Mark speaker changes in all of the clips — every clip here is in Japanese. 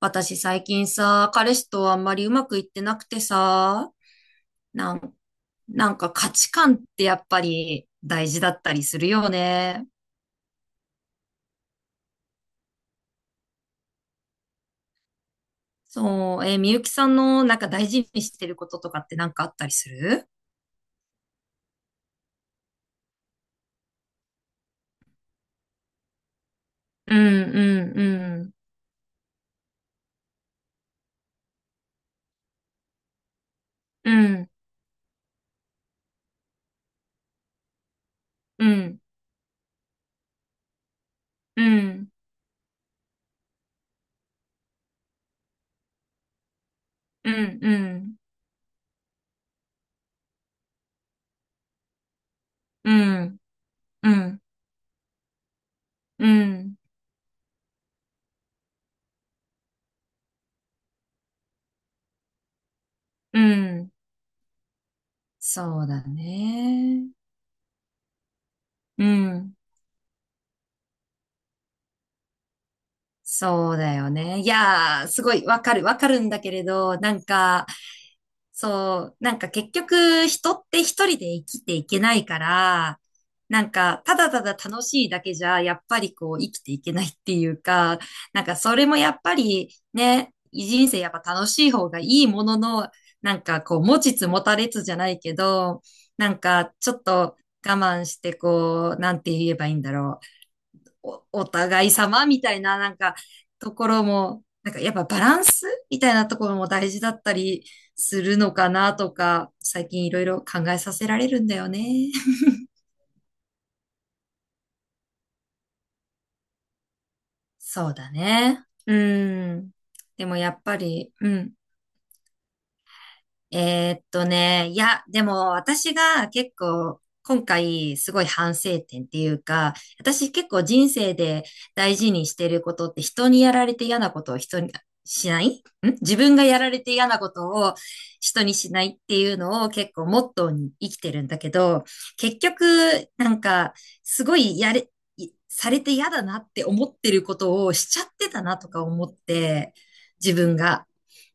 Speaker 1: 私最近さ、彼氏とあんまりうまくいってなくてさ、なん、なんか価値観ってやっぱり大事だったりするよね。そう、みゆきさんのなんか大事にしてることとかってなんかあったりする？うん。うん。うん。うん。うん。うん。うん。うん。うん。うん。うん。うん。そうだね。うん。そうだよね。いやー、すごいわかる、わかるんだけれど、なんか、そう、なんか結局人って一人で生きていけないから、なんかただただ楽しいだけじゃやっぱりこう生きていけないっていうか、なんかそれもやっぱりね、人生やっぱ楽しい方がいいものの、なんかこう持ちつ持たれつじゃないけど、なんかちょっと我慢してこう、なんて言えばいいんだろう。お互い様みたいな、なんか、ところも、なんかやっぱバランスみたいなところも大事だったりするのかなとか、最近いろいろ考えさせられるんだよね。そうだね。うん。でもやっぱり、うん。いや、でも私が結構今回すごい反省点っていうか、私結構人生で大事にしてることって人にやられて嫌なことを人にしないん自分がやられて嫌なことを人にしないっていうのを結構モットーに生きてるんだけど、結局なんかすごいやれ、いされて嫌だなって思ってることをしちゃってたなとか思って、自分が。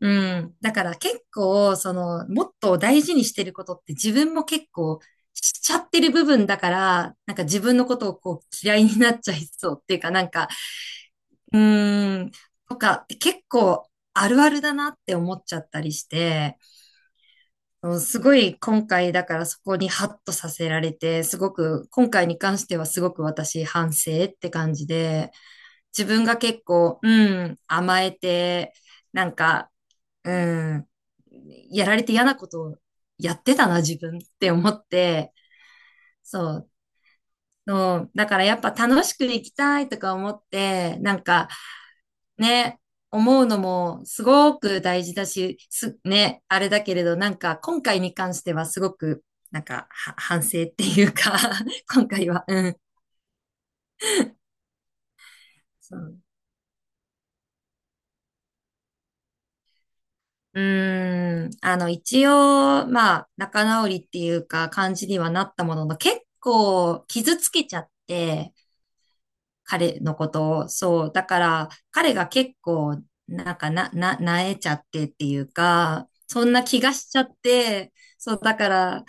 Speaker 1: うん。だから結構、その、もっと大事にしてることって自分も結構しちゃってる部分だから、なんか自分のことをこう嫌いになっちゃいそうっていうか、なんか、うーん、とかって結構あるあるだなって思っちゃったりして、うんすごい今回だからそこにハッとさせられて、すごく、今回に関してはすごく私反省って感じで、自分が結構、うん、甘えて、なんか、うん、やられて嫌なことをやってたな、自分って思って、そう。そうだからやっぱ楽しく生きたいとか思って、なんかね、思うのもすごく大事だし、ね、あれだけれど、なんか今回に関してはすごく、なんかは反省っていうか 今回は、うん。そう一応、まあ、仲直りっていうか、感じにはなったものの、結構傷つけちゃって、彼のことを。そう。だから、彼が結構、なんかなえちゃってっていうか、そんな気がしちゃって、そう、だから、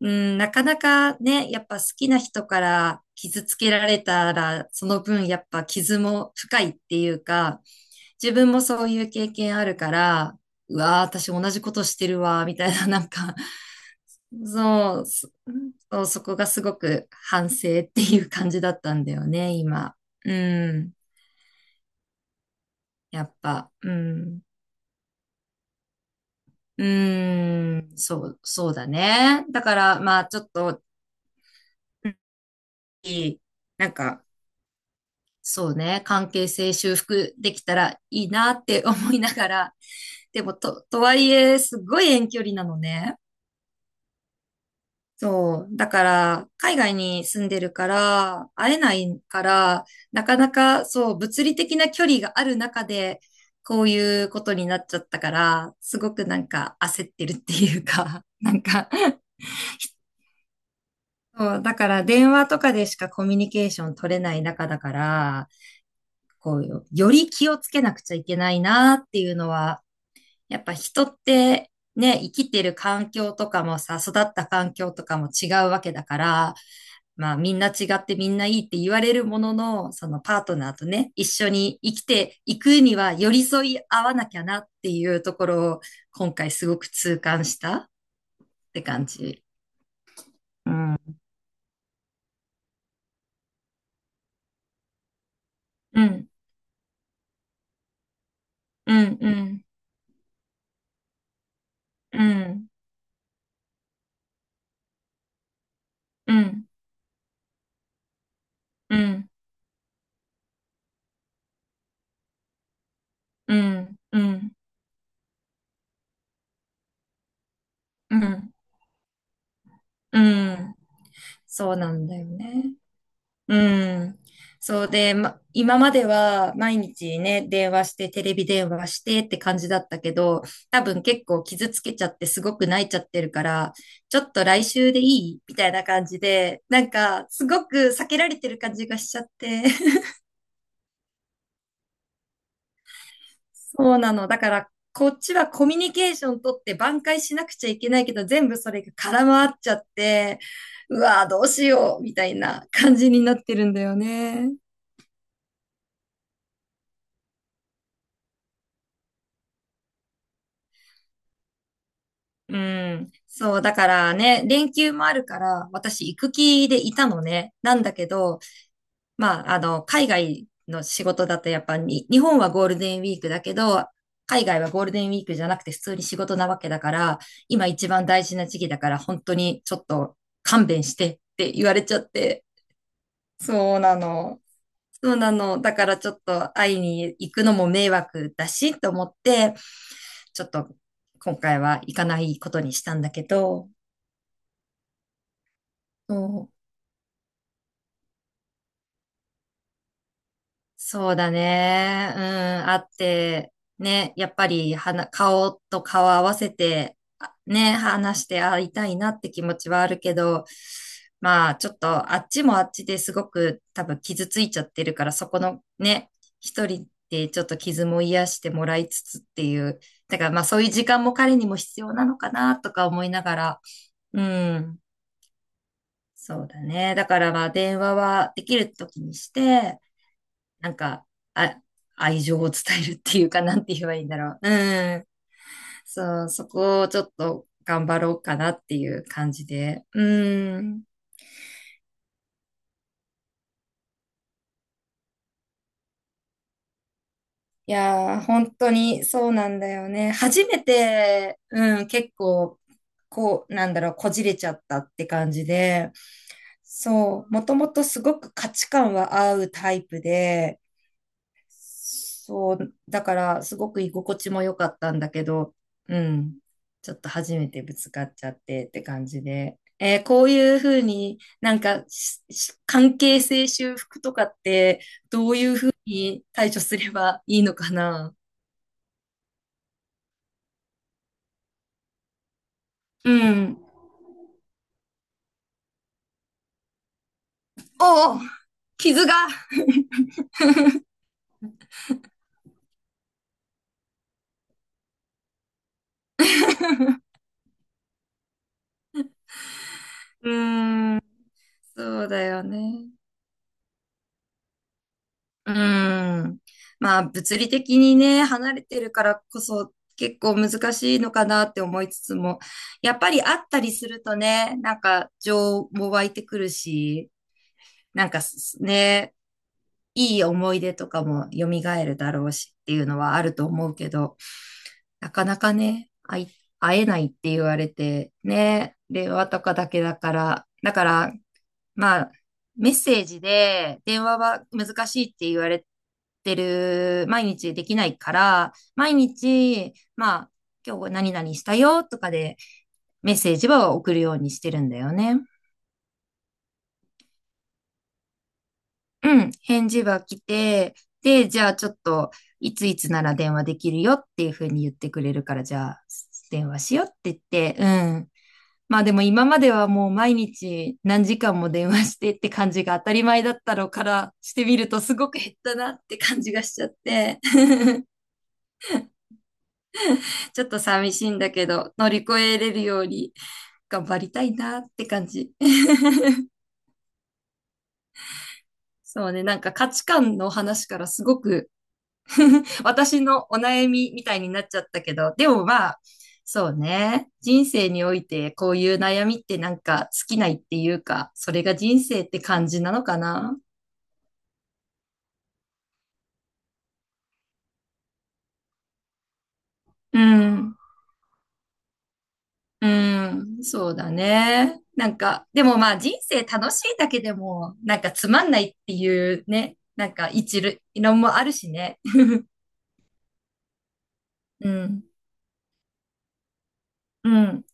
Speaker 1: うん、なかなかね、やっぱ好きな人から傷つけられたら、その分やっぱ傷も深いっていうか、自分もそういう経験あるから、うわー、私同じことしてるわ、みたいな、なんか、そう、そそう、そこがすごく反省っていう感じだったんだよね、今。うん。やっぱ、うん。そう、そうだね。だから、まあ、ちょっと、いい、なんか、そうね、関係性修復できたらいいなって思いながら、でも、とはいえ、すごい遠距離なのね。そう。だから、海外に住んでるから、会えないから、なかなか、そう、物理的な距離がある中で、こういうことになっちゃったから、すごくなんか焦ってるっていうか、なんか、そう、だから電話とかでしかコミュニケーション取れない中だから、こう、より気をつけなくちゃいけないなっていうのは、やっぱ人ってね、生きてる環境とかもさ、育った環境とかも違うわけだから、まあみんな違ってみんないいって言われるものの、そのパートナーとね、一緒に生きていくには寄り添い合わなきゃなっていうところを今回すごく痛感したって感じ。うん。うん、うん、うん、うん、うん、うん、うん、うん、うん、うん。そうなんだよね。うん。そうで、ま、今までは毎日ね、電話して、テレビ電話してって感じだったけど、多分結構傷つけちゃってすごく泣いちゃってるから、ちょっと来週でいいみたいな感じで、なんかすごく避けられてる感じがしちゃって。そうなの。だから、こっちはコミュニケーション取って挽回しなくちゃいけないけど、全部それが空回っちゃって、うわーどうしようみたいな感じになってるんだよね。うん。そう、だからね、連休もあるから、私行く気でいたのね。なんだけど、まあ、海外の仕事だとやっぱに、日本はゴールデンウィークだけど、海外はゴールデンウィークじゃなくて普通に仕事なわけだから、今一番大事な時期だから、本当にちょっと勘弁してって言われちゃって。そうなの。そうなの。だからちょっと会いに行くのも迷惑だし、と思って、ちょっと今回は行かないことにしたんだけど、そう。そうだね。うん、あって、ね、やっぱり顔と顔合わせて、ね、話して会いたいなって気持ちはあるけど、まあ、ちょっとあっちもあっちですごく多分傷ついちゃってるから、そこのね、一人でちょっと傷も癒してもらいつつっていう、だからまあそういう時間も彼にも必要なのかなとか思いながら、うん、そうだね。だからまあ電話はできる時にして、なんか、あ、愛情を伝えるっていうか、なんて言えばいいんだろう。うん。そう、そこをちょっと頑張ろうかなっていう感じで。うん。いやー、本当にそうなんだよね。初めて、うん、結構、こう、なんだろう、こじれちゃったって感じで、そう、もともとすごく価値観は合うタイプで、そう、だからすごく居心地も良かったんだけど、うん、ちょっと初めてぶつかっちゃってって感じで。こういうふうになんか関係性修復とかってどういうふうに対処すればいいのかな？うん。おお、傷が。うんそうだよね。うーん。まあ、物理的にね、離れてるからこそ結構難しいのかなって思いつつも、やっぱり会ったりするとね、なんか情も湧いてくるし、なんかね、いい思い出とかも蘇るだろうしっていうのはあると思うけど、なかなかね、会えないって言われて、ね、令和とかだけだから、だからまあ、メッセージで電話は難しいって言われてる、毎日できないから、毎日、まあ、今日何々したよとかでメッセージは送るようにしてるんだよね。うん、返事は来て、で、じゃあちょっと、いついつなら電話できるよっていうふうに言ってくれるから、じゃあ電話しようって言って、うん、まあでも今まではもう毎日何時間も電話してって感じが当たり前だったのからしてみるとすごく減ったなって感じがしちゃって、ちょっと寂しいんだけど乗り越えれるように頑張りたいなって感じ。そうね、なんか価値観の話からすごく私のお悩みみたいになっちゃったけど、でもまあ、そうね。人生においてこういう悩みってなんか尽きないっていうか、それが人生って感じなのかな。うん。うん、そうだね。なんか、でもまあ人生楽しいだけでも、なんかつまんないっていうね、なんか一論もあるしね。うん、うん、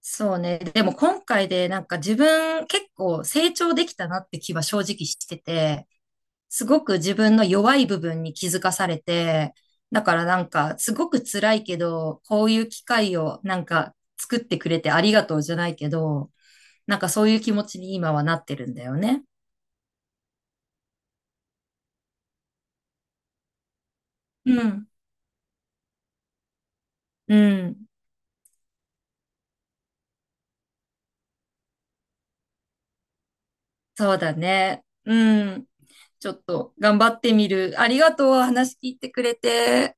Speaker 1: そうね。でも今回でなんか自分結構成長できたなって気は正直してて、すごく自分の弱い部分に気づかされて、だからなんかすごく辛いけど、こういう機会をなんか作ってくれてありがとうじゃないけど、なんかそういう気持ちに今はなってるんだよね。うん。うん。そうだね。うん。ちょっと頑張ってみる。ありがとう。話聞いてくれて。